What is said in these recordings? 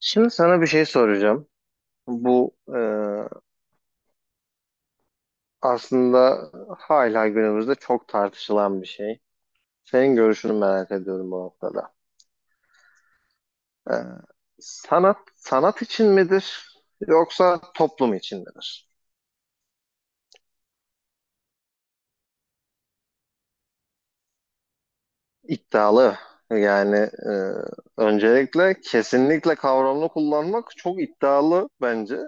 Şimdi sana bir şey soracağım. Bu aslında hala günümüzde çok tartışılan bir şey. Senin görüşünü merak ediyorum bu noktada. E, sanat sanat için midir yoksa toplum için midir? İddialı. Yani e, öncelikle kesinlikle kavramını kullanmak çok iddialı bence.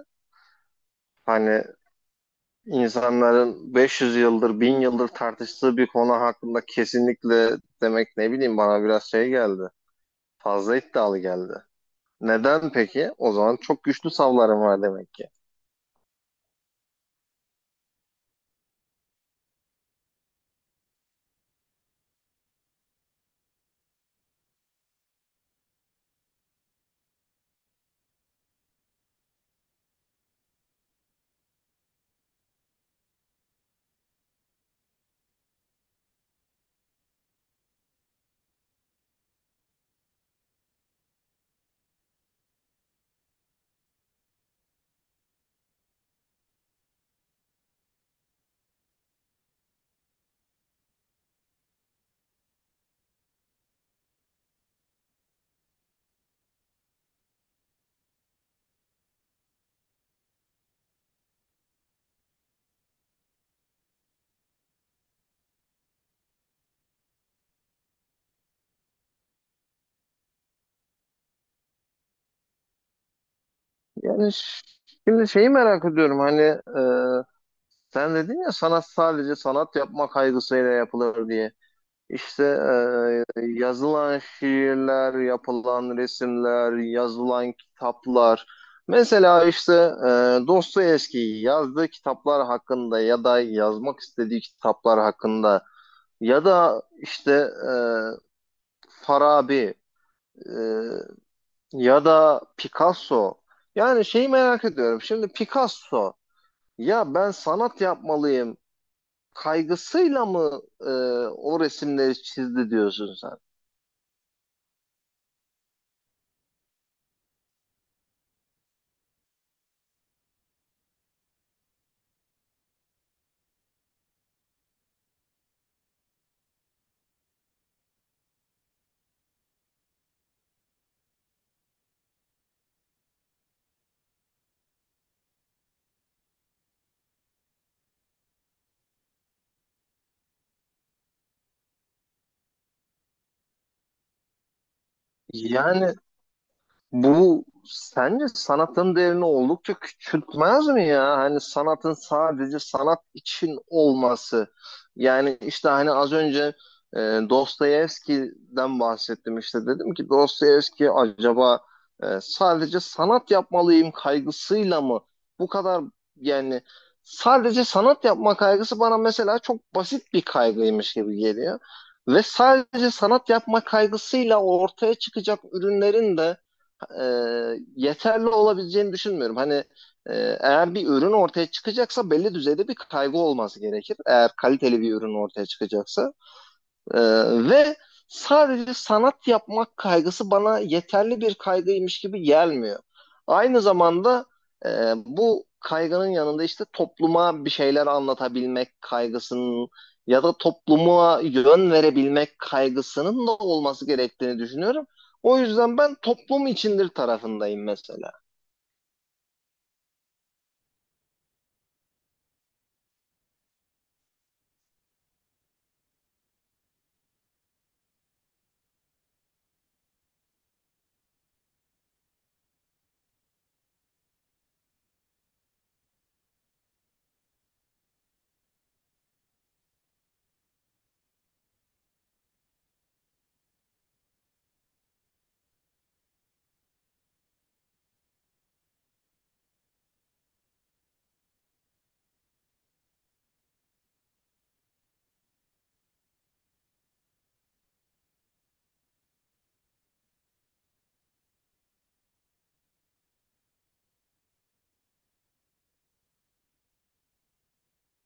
Hani insanların 500 yıldır, 1000 yıldır tartıştığı bir konu hakkında kesinlikle demek ne bileyim bana biraz şey geldi. Fazla iddialı geldi. Neden peki? O zaman çok güçlü savlarım var demek ki. Yani şimdi şeyi merak ediyorum, hani sen dedin ya sanat sadece sanat yapma kaygısıyla yapılır diye. İşte yazılan şiirler, yapılan resimler, yazılan kitaplar. Mesela işte Dostoyevski'yi yazdığı kitaplar hakkında ya da yazmak istediği kitaplar hakkında ya da işte e, Farabi, e, ya da Picasso. Yani şeyi merak ediyorum. Şimdi Picasso ya ben sanat yapmalıyım kaygısıyla mı o resimleri çizdi diyorsun sen? Yani bu sence sanatın değerini oldukça küçültmez mi ya? Hani sanatın sadece sanat için olması. Yani işte hani az önce e, Dostoyevski'den bahsettim işte. Dedim ki Dostoyevski acaba sadece sanat yapmalıyım kaygısıyla mı? Bu kadar, yani sadece sanat yapma kaygısı bana mesela çok basit bir kaygıymış gibi geliyor. Ve sadece sanat yapma kaygısıyla ortaya çıkacak ürünlerin de e, yeterli olabileceğini düşünmüyorum. Hani e, eğer bir ürün ortaya çıkacaksa belli düzeyde bir kaygı olması gerekir. Eğer kaliteli bir ürün ortaya çıkacaksa. Ee, ve sadece sanat yapmak kaygısı bana yeterli bir kaygıymış gibi gelmiyor. Aynı zamanda e, bu kaygının yanında işte topluma bir şeyler anlatabilmek kaygısının ya da topluma yön verebilmek kaygısının da olması gerektiğini düşünüyorum. O yüzden ben toplum içindir tarafındayım mesela.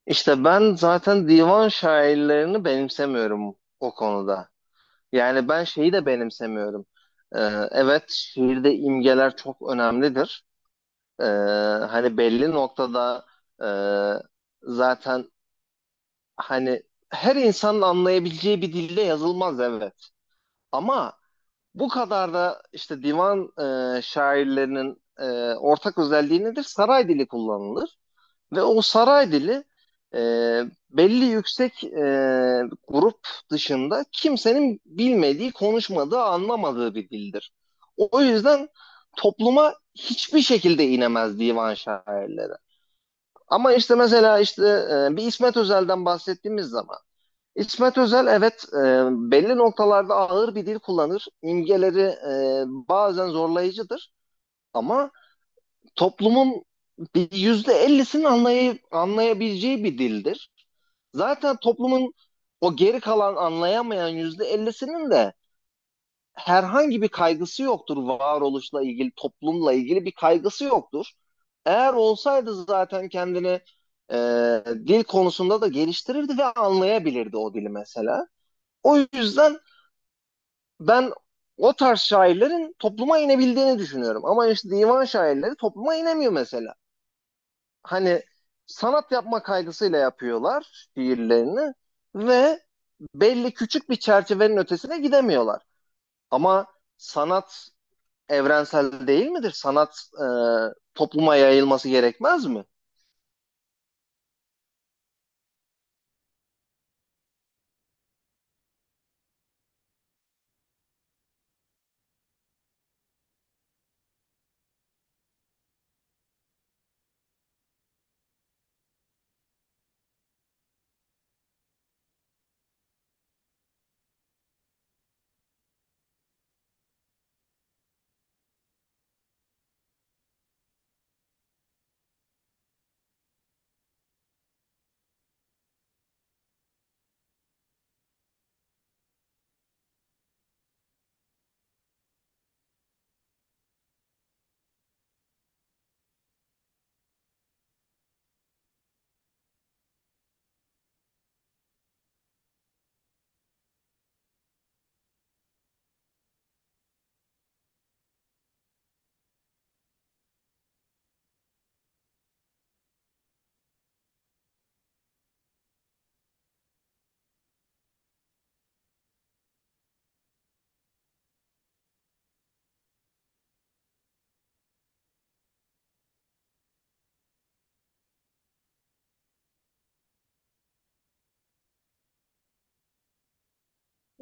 İşte ben zaten divan şairlerini benimsemiyorum o konuda. Yani ben şeyi de benimsemiyorum. Ee, evet şiirde imgeler çok önemlidir. Ee, hani belli noktada e, zaten hani her insanın anlayabileceği bir dilde yazılmaz, evet. Ama bu kadar da işte divan şairlerinin ortak özelliği nedir? Saray dili kullanılır. Ve o saray dili e, belli yüksek grup dışında kimsenin bilmediği, konuşmadığı, anlamadığı bir dildir. O yüzden topluma hiçbir şekilde inemez divan şairleri. Ama işte mesela işte bir İsmet Özel'den bahsettiğimiz zaman İsmet Özel evet, belli noktalarda ağır bir dil kullanır. İmgeleri bazen zorlayıcıdır. Ama toplumun bir %50'sinin anlayabileceği bir dildir. Zaten toplumun o geri kalan anlayamayan yüzde ellisinin de herhangi bir kaygısı yoktur. Varoluşla ilgili, toplumla ilgili bir kaygısı yoktur. Eğer olsaydı zaten kendini e, dil konusunda da geliştirirdi ve anlayabilirdi o dili mesela. O yüzden ben o tarz şairlerin topluma inebildiğini düşünüyorum. Ama işte divan şairleri topluma inemiyor mesela. Hani sanat yapma kaygısıyla yapıyorlar şiirlerini ve belli küçük bir çerçevenin ötesine gidemiyorlar. Ama sanat evrensel değil midir? Sanat topluma yayılması gerekmez mi?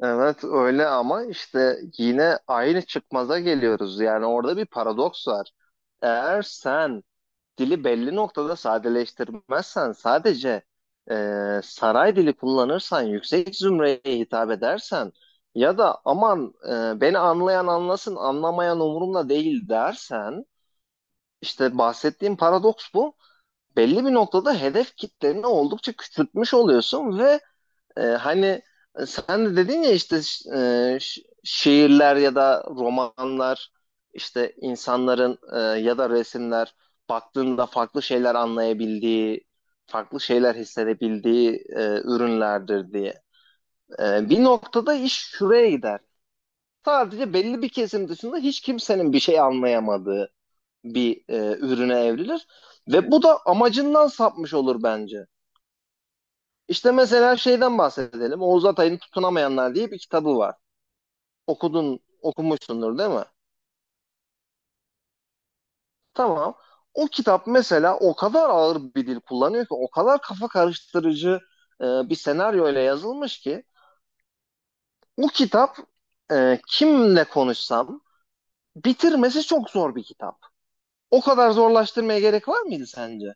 Evet öyle, ama işte yine aynı çıkmaza geliyoruz. Yani orada bir paradoks var. Eğer sen dili belli noktada sadeleştirmezsen, sadece e, saray dili kullanırsan, yüksek zümreye hitap edersen ya da aman beni anlayan anlasın, anlamayan umurumda değil dersen, işte bahsettiğim paradoks bu. Belli bir noktada hedef kitleni oldukça küçültmüş oluyorsun ve hani sen de dedin ya işte şiirler ya da romanlar işte insanların ya da resimler baktığında farklı şeyler anlayabildiği, farklı şeyler hissedebildiği ürünlerdir diye. Bir noktada iş şuraya gider. Sadece belli bir kesim dışında hiç kimsenin bir şey anlayamadığı bir ürüne evrilir ve bu da amacından sapmış olur bence. İşte mesela şeyden bahsedelim. Oğuz Atay'ın Tutunamayanlar diye bir kitabı var. Okudun, okumuşsundur değil mi? Tamam. O kitap mesela o kadar ağır bir dil kullanıyor ki, o kadar kafa karıştırıcı e, bir senaryo ile yazılmış ki, bu kitap kimle konuşsam bitirmesi çok zor bir kitap. O kadar zorlaştırmaya gerek var mıydı sence?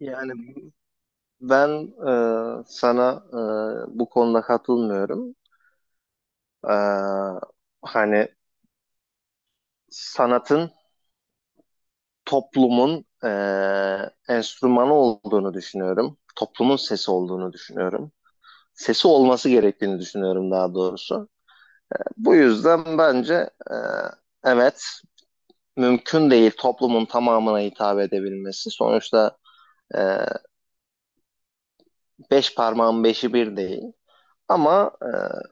Yani ben sana bu konuda katılmıyorum. E, hani sanatın toplumun enstrümanı olduğunu düşünüyorum. Toplumun sesi olduğunu düşünüyorum. Sesi olması gerektiğini düşünüyorum daha doğrusu. Bu yüzden bence evet, mümkün değil toplumun tamamına hitap edebilmesi. Sonuçta eee, beş parmağın beşi bir değil. Ama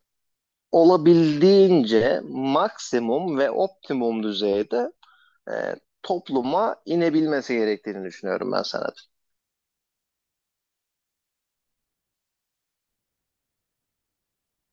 olabildiğince maksimum ve optimum düzeyde eee, topluma inebilmesi gerektiğini düşünüyorum ben sana.